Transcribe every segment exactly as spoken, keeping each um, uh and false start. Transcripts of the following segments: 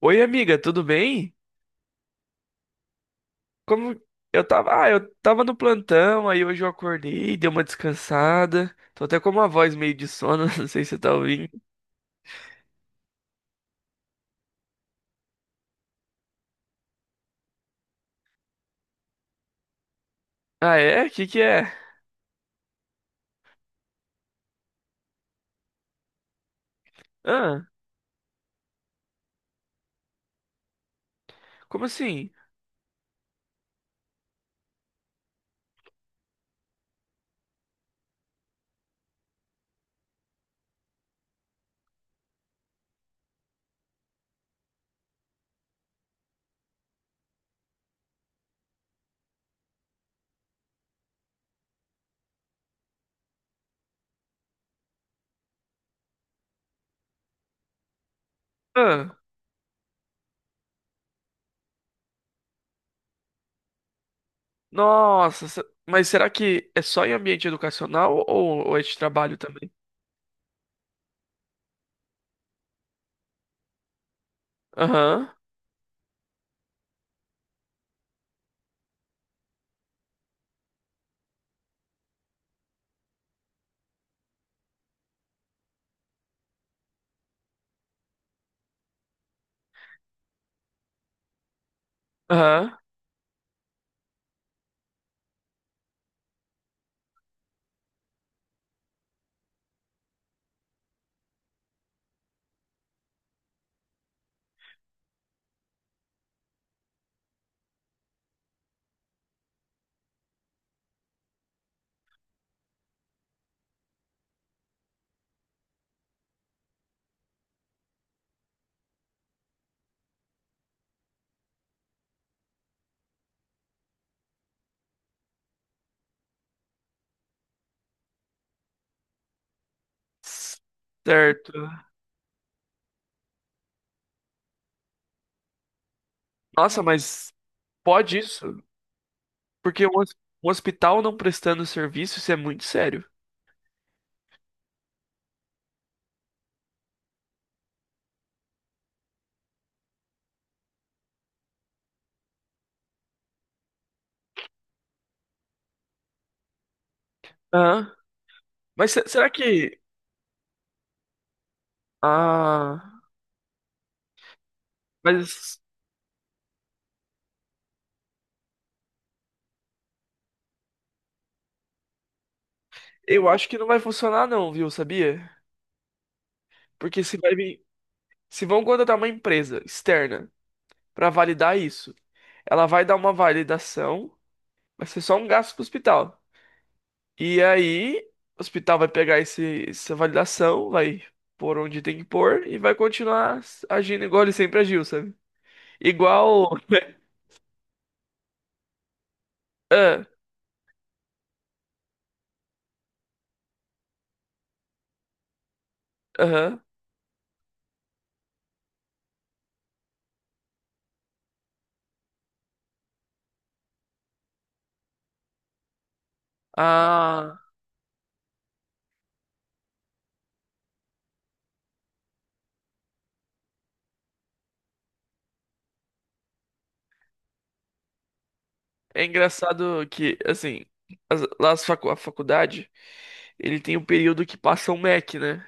Oi, amiga, tudo bem? Como eu tava, ah, eu tava no plantão, aí hoje eu acordei, dei uma descansada. Tô até com uma voz meio de sono, não sei se você tá ouvindo. Ah, é? Que que é? Ah, como assim? Ah, Nossa, se- mas será que é só em ambiente educacional ou, ou é de trabalho também? Aham, aham. Certo. Nossa, mas pode isso? Porque um hos- um hospital não prestando serviço, isso é muito sério. Aham. Mas se- será que ah, mas eu acho que não vai funcionar não, viu, sabia? Porque se vai vir, se vão contratar uma empresa externa pra validar isso, ela vai dar uma validação, vai ser só um gasto pro hospital. E aí, o hospital vai pegar esse, essa validação, vai pôr onde tem que pôr e vai continuar agindo igual ele sempre agiu, sabe? Igual, ah, aham. Ah, é engraçado que, assim, as- lá as facu- a faculdade, ele tem o período que passa o Mac, né?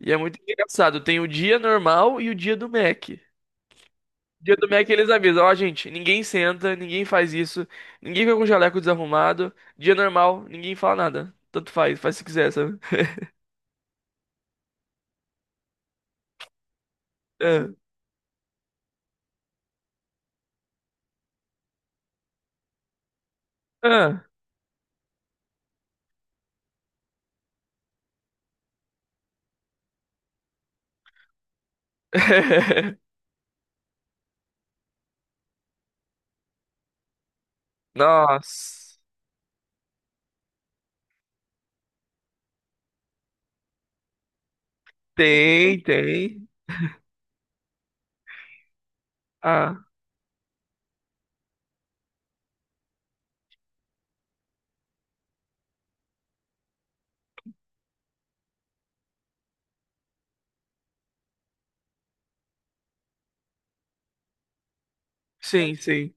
E é muito engraçado. Tem o dia normal e o dia do Mac. Dia do Mac eles avisam, ó, gente, ninguém senta, ninguém faz isso, ninguém fica com o jaleco desarrumado. Dia normal, ninguém fala nada. Tanto faz, faz se quiser, sabe? Ah, ah. Nossa. Tem, tem. Ah, sim, sim.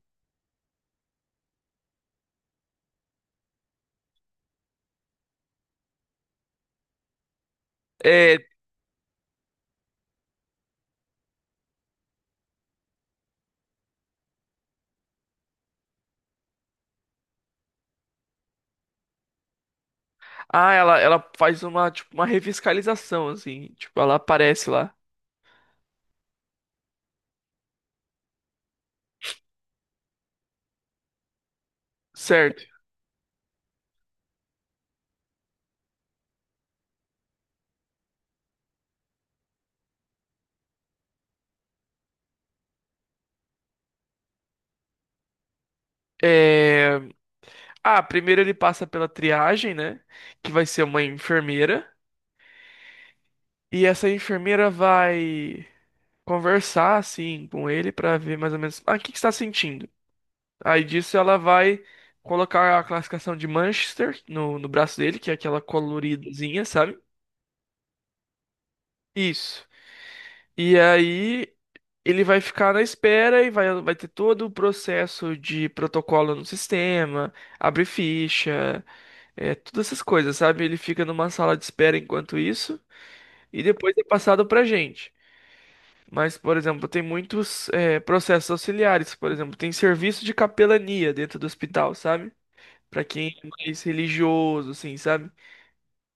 É, ah, ela, ela faz uma, tipo, uma revitalização, assim. Tipo, ela aparece lá. Certo. É... Ah, primeiro ele passa pela triagem, né? Que vai ser uma enfermeira. E essa enfermeira vai conversar, assim, com ele pra ver mais ou menos... Ah, o que que você tá sentindo? Aí disso ela vai colocar a classificação de Manchester no, no braço dele, que é aquela coloridazinha, sabe? Isso. E aí ele vai ficar na espera e vai, vai ter todo o processo de protocolo no sistema, abre ficha, é, todas essas coisas, sabe? Ele fica numa sala de espera enquanto isso e depois é passado pra gente. Mas, por exemplo, tem muitos, é, processos auxiliares, por exemplo, tem serviço de capelania dentro do hospital, sabe? Pra quem é mais religioso, assim, sabe?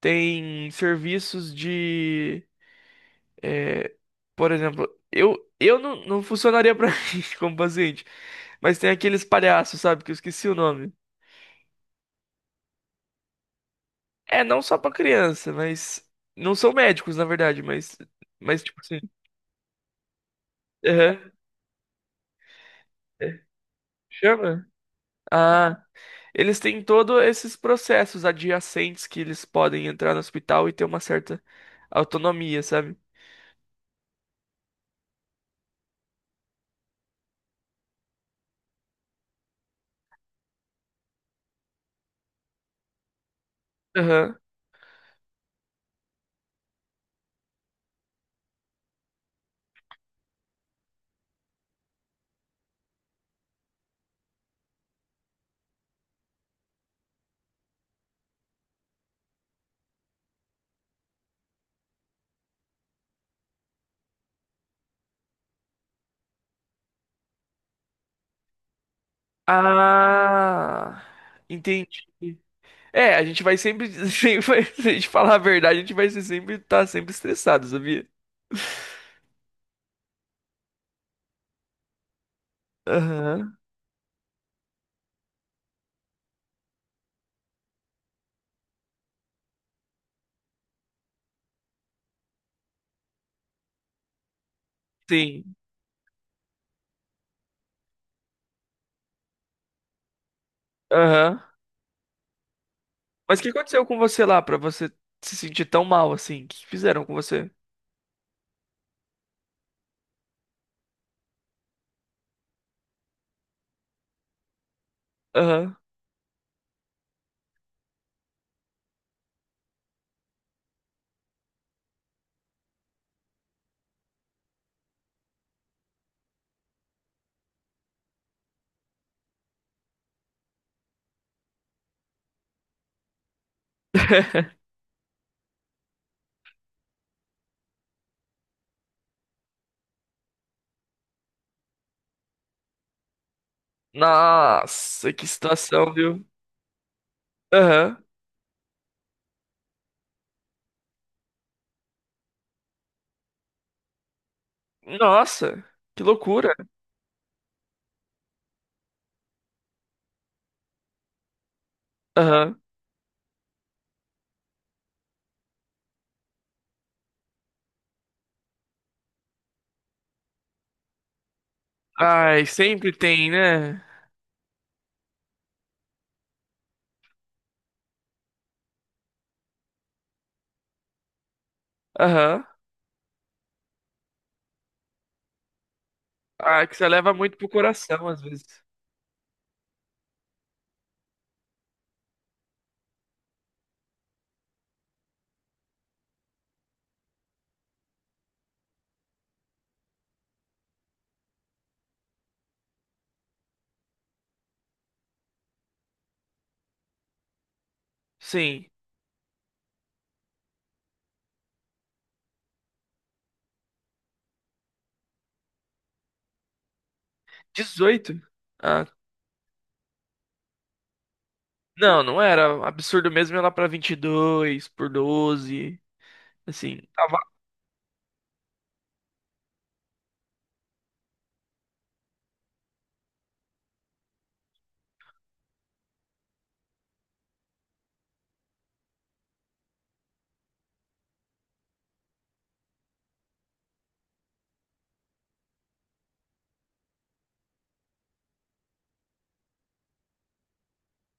Tem serviços de por exemplo, eu, eu não, não funcionaria pra mim como paciente. Mas tem aqueles palhaços, sabe? Que eu esqueci o nome. É, não só pra criança, mas. Não são médicos, na verdade, mas. Mas, tipo assim. Aham, é. Chama? Ah. Eles têm todos esses processos adjacentes que eles podem entrar no hospital e ter uma certa autonomia, sabe? Aham. Ah. Entendi. É, a gente vai sempre, sempre vai- se a gente falar a verdade, a gente vai ser sempre estar sempre estressado, sabia? Aham. Sim. Aham. Mas o que aconteceu com você lá pra você se sentir tão mal assim? O que fizeram com você? Aham. Nossa, que situação, viu? Aham. Nossa, que loucura. Aham. Ai, sempre tem, né? Aham. Ah, que você leva muito pro coração às vezes. Sim. Dezoito. Ah, não, não era. Absurdo mesmo ia lá pra vinte e dois por doze, assim, tava.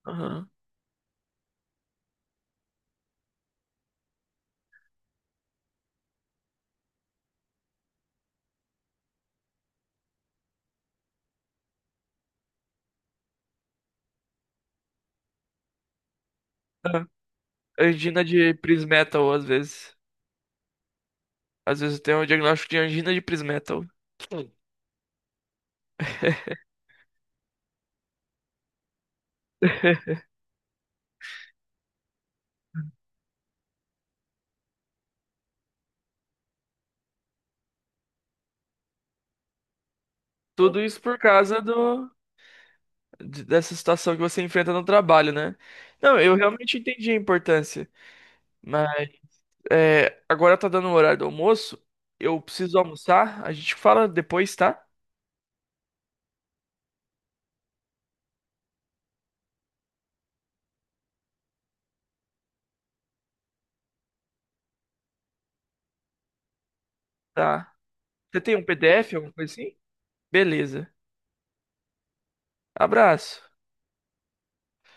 Aham. É, Angina de Prismetal, às vezes. Às vezes tem um diagnóstico de angina de Prismetal. Sim. Tudo isso por causa do, de- dessa situação que você enfrenta no trabalho, né? Não, eu realmente entendi a importância. Mas é, agora tá dando o horário do almoço. Eu preciso almoçar. A gente fala depois, tá? Tá. Você tem um P D F, alguma coisa assim? Beleza. Abraço.